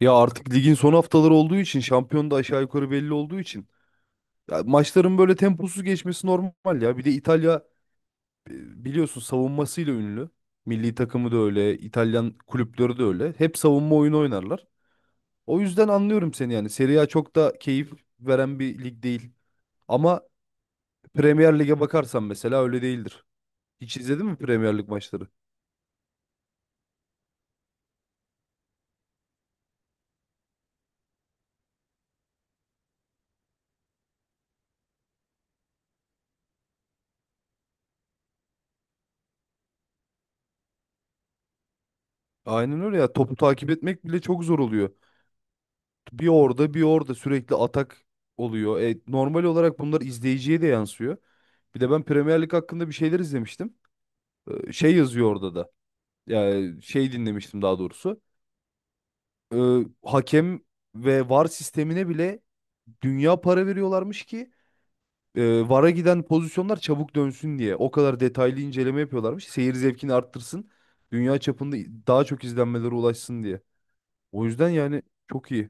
Ya artık ligin son haftaları olduğu için şampiyon da aşağı yukarı belli olduğu için ya maçların böyle temposuz geçmesi normal ya. Bir de İtalya, biliyorsun savunmasıyla ünlü. Milli takımı da öyle, İtalyan kulüpleri de öyle. Hep savunma oyunu oynarlar. O yüzden anlıyorum seni yani. Serie A çok da keyif veren bir lig değil. Ama Premier Lig'e bakarsan mesela öyle değildir. Hiç izledin mi Premier Lig maçları? Aynen öyle ya. Topu takip etmek bile çok zor oluyor. Bir orada bir orada sürekli atak oluyor. Normal olarak bunlar izleyiciye de yansıyor. Bir de ben Premier Lig hakkında bir şeyler izlemiştim. Şey yazıyor orada da. Yani şey dinlemiştim daha doğrusu. E, Hakem ve VAR sistemine bile dünya para veriyorlarmış ki, VAR'a giden pozisyonlar çabuk dönsün diye. O kadar detaylı inceleme yapıyorlarmış. Seyir zevkini arttırsın. Dünya çapında daha çok izlenmelere ulaşsın diye. O yüzden yani çok iyi.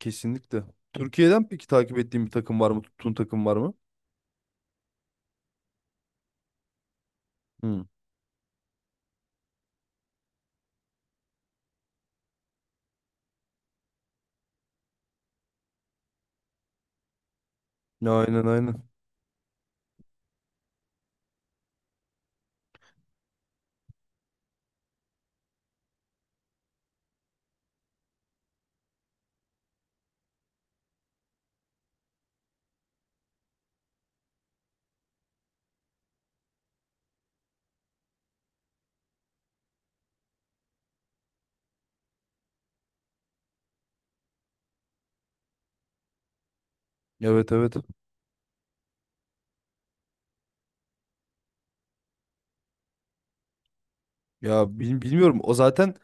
Kesinlikle. Türkiye'den peki takip ettiğin bir takım var mı? Tuttuğun takım var mı? Hı. Aynen aynen. Evet evet. Ya bilmiyorum. O zaten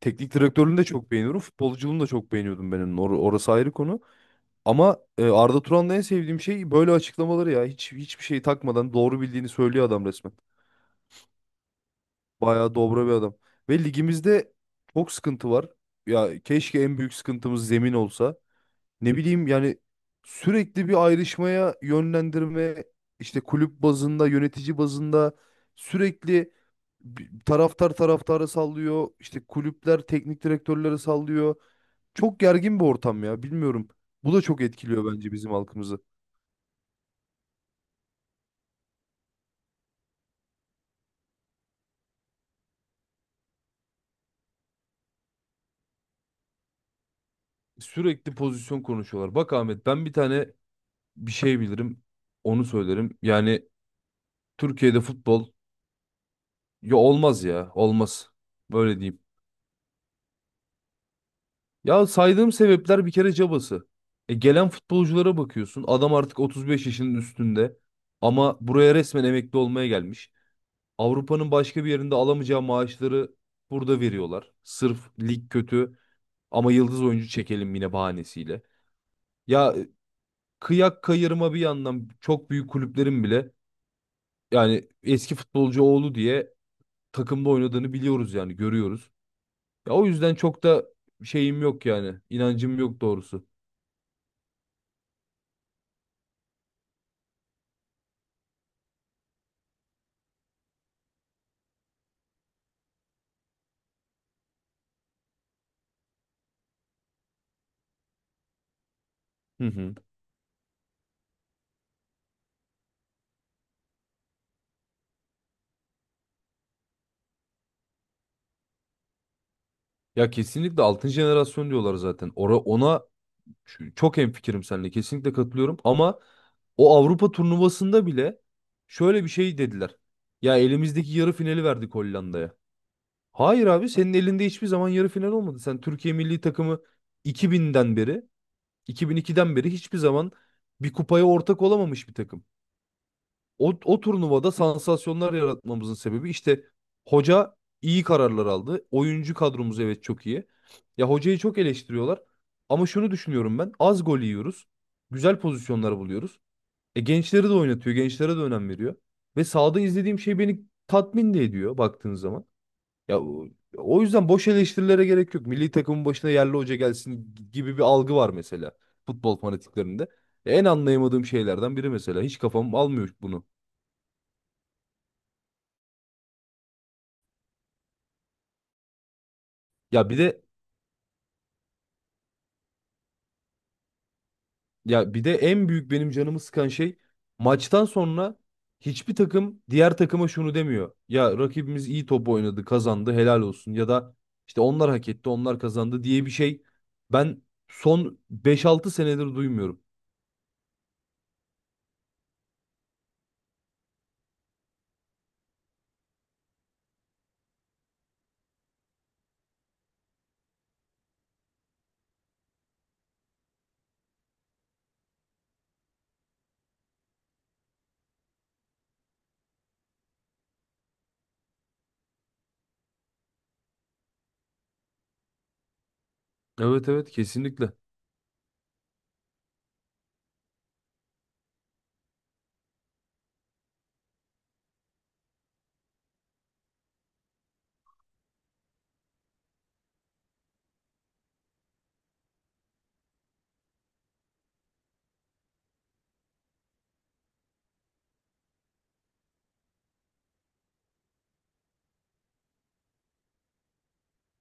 teknik direktörlüğünü de çok beğeniyorum. Futbolculuğunu da çok beğeniyordum benim. Orası ayrı konu. Ama, Arda Turan'da en sevdiğim şey böyle açıklamaları ya. Hiçbir şey takmadan doğru bildiğini söylüyor adam resmen. Bayağı dobra bir adam. Ve ligimizde çok sıkıntı var. Ya keşke en büyük sıkıntımız zemin olsa. Ne bileyim yani sürekli bir ayrışmaya yönlendirme işte kulüp bazında, yönetici bazında sürekli taraftar taraftarı sallıyor, işte kulüpler teknik direktörleri sallıyor. Çok gergin bir ortam ya bilmiyorum. Bu da çok etkiliyor bence bizim halkımızı. Sürekli pozisyon konuşuyorlar. Bak Ahmet, ben bir tane bir şey bilirim. Onu söylerim. Yani Türkiye'de futbol ya olmaz ya. Olmaz. Böyle diyeyim. Ya saydığım sebepler bir kere cabası. Gelen futbolculara bakıyorsun. Adam artık 35 yaşının üstünde. Ama buraya resmen emekli olmaya gelmiş. Avrupa'nın başka bir yerinde alamayacağı maaşları burada veriyorlar. Sırf lig kötü ama yıldız oyuncu çekelim yine bahanesiyle. Ya e, Kıyak kayırma bir yandan çok büyük kulüplerin bile yani eski futbolcu oğlu diye takımda oynadığını biliyoruz yani görüyoruz. Ya o yüzden çok da şeyim yok yani. İnancım yok doğrusu. Hı hı. Ya kesinlikle altın jenerasyon diyorlar zaten. Ora, ona çok hemfikirim seninle. Kesinlikle katılıyorum ama o Avrupa turnuvasında bile şöyle bir şey dediler. Ya elimizdeki yarı finali verdik Hollanda'ya. Hayır abi, senin elinde hiçbir zaman yarı final olmadı. Sen Türkiye milli takımı 2000'den beri, 2002'den beri hiçbir zaman bir kupaya ortak olamamış bir takım. O turnuvada sansasyonlar yaratmamızın sebebi işte hoca iyi kararlar aldı. Oyuncu kadromuz evet çok iyi. Ya hocayı çok eleştiriyorlar. Ama şunu düşünüyorum ben. Az gol yiyoruz. Güzel pozisyonlar buluyoruz. E gençleri de oynatıyor. Gençlere de önem veriyor. Ve sahada izlediğim şey beni tatmin de ediyor baktığın zaman. Ya o o yüzden boş eleştirilere gerek yok. Milli takımın başına yerli hoca gelsin gibi bir algı var mesela futbol fanatiklerinde. En anlayamadığım şeylerden biri mesela. Hiç kafam almıyor bunu. Ya bir de Ya bir de en büyük benim canımı sıkan şey maçtan sonra hiçbir takım diğer takıma şunu demiyor. Ya rakibimiz iyi top oynadı, kazandı, helal olsun ya da işte onlar hak etti, onlar kazandı diye bir şey ben son beş altı senedir duymuyorum. Evet evet, kesinlikle.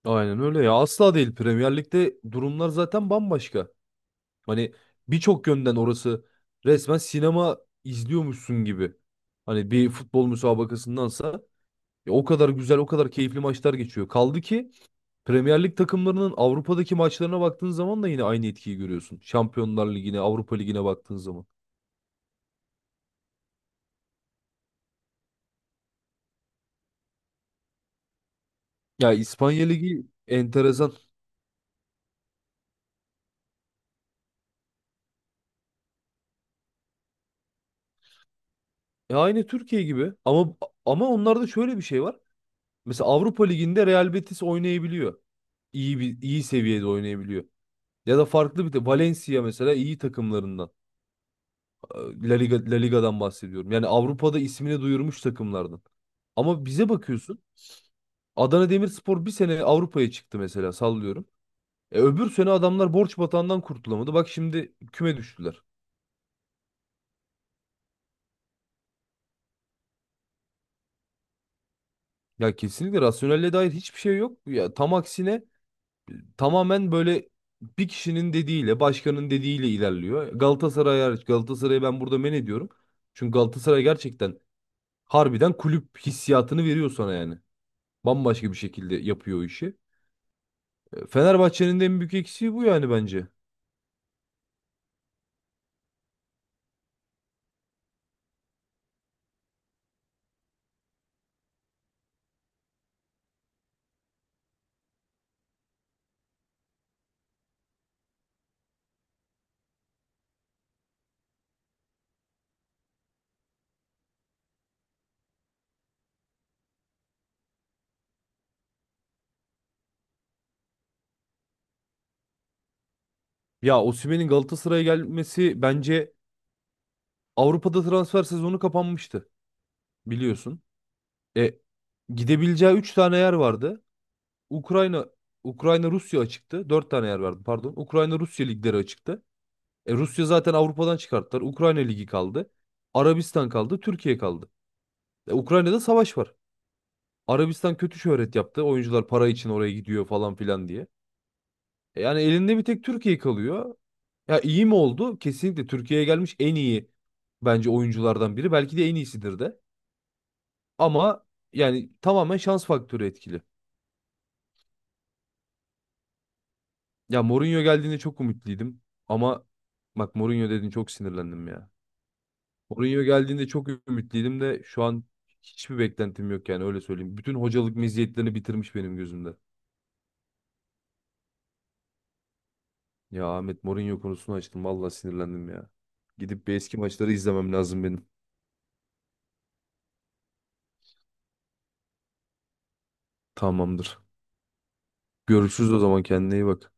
Aynen öyle ya. Asla değil, Premier Lig'de durumlar zaten bambaşka. Hani birçok yönden orası resmen sinema izliyormuşsun gibi. Hani bir futbol müsabakasındansa ya o kadar güzel, o kadar keyifli maçlar geçiyor. Kaldı ki Premier Lig takımlarının Avrupa'daki maçlarına baktığın zaman da yine aynı etkiyi görüyorsun. Şampiyonlar Ligi'ne, Avrupa Ligi'ne baktığın zaman. Ya İspanya Ligi enteresan. Ya aynı Türkiye gibi ama onlarda şöyle bir şey var. Mesela Avrupa Ligi'nde Real Betis oynayabiliyor. İyi seviyede oynayabiliyor. Ya da farklı bir de Valencia mesela iyi takımlarından. La Liga'dan bahsediyorum. Yani Avrupa'da ismini duyurmuş takımlardan. Ama bize bakıyorsun. Adana Demirspor bir sene Avrupa'ya çıktı mesela, sallıyorum. Öbür sene adamlar borç batağından kurtulamadı. Bak şimdi küme düştüler. Ya kesinlikle rasyonelle dair hiçbir şey yok. Ya tam aksine tamamen böyle bir kişinin dediğiyle, başkanın dediğiyle ilerliyor. Galatasaray hariç, Galatasaray'ı ben burada men ediyorum. Çünkü Galatasaray gerçekten harbiden kulüp hissiyatını veriyor sana yani. Bambaşka bir şekilde yapıyor o işi. Fenerbahçe'nin de en büyük eksiği bu yani bence. Ya Osimhen'in Galatasaray'a gelmesi bence Avrupa'da transfer sezonu kapanmıştı biliyorsun. E gidebileceği 3 tane yer vardı. Ukrayna Ukrayna Rusya açıktı. 4 tane yer vardı pardon. Ukrayna Rusya ligleri açıktı. E Rusya zaten Avrupa'dan çıkarttılar. Ukrayna ligi kaldı. Arabistan kaldı, Türkiye kaldı. Ukrayna'da savaş var. Arabistan kötü şöhret yaptı. Oyuncular para için oraya gidiyor falan filan diye. Yani elinde bir tek Türkiye kalıyor. Ya iyi mi oldu? Kesinlikle Türkiye'ye gelmiş en iyi bence oyunculardan biri. Belki de en iyisidir de. Ama yani tamamen şans faktörü etkili. Ya Mourinho geldiğinde çok umutluydım. Ama bak, Mourinho dedin çok sinirlendim ya. Mourinho geldiğinde çok ümitliydim de şu an hiçbir beklentim yok, yani öyle söyleyeyim. Bütün hocalık meziyetlerini bitirmiş benim gözümde. Ya Ahmet, Mourinho konusunu açtım. Vallahi sinirlendim ya. Gidip bir eski maçları izlemem lazım benim. Tamamdır. Görüşürüz o zaman, kendine iyi bak.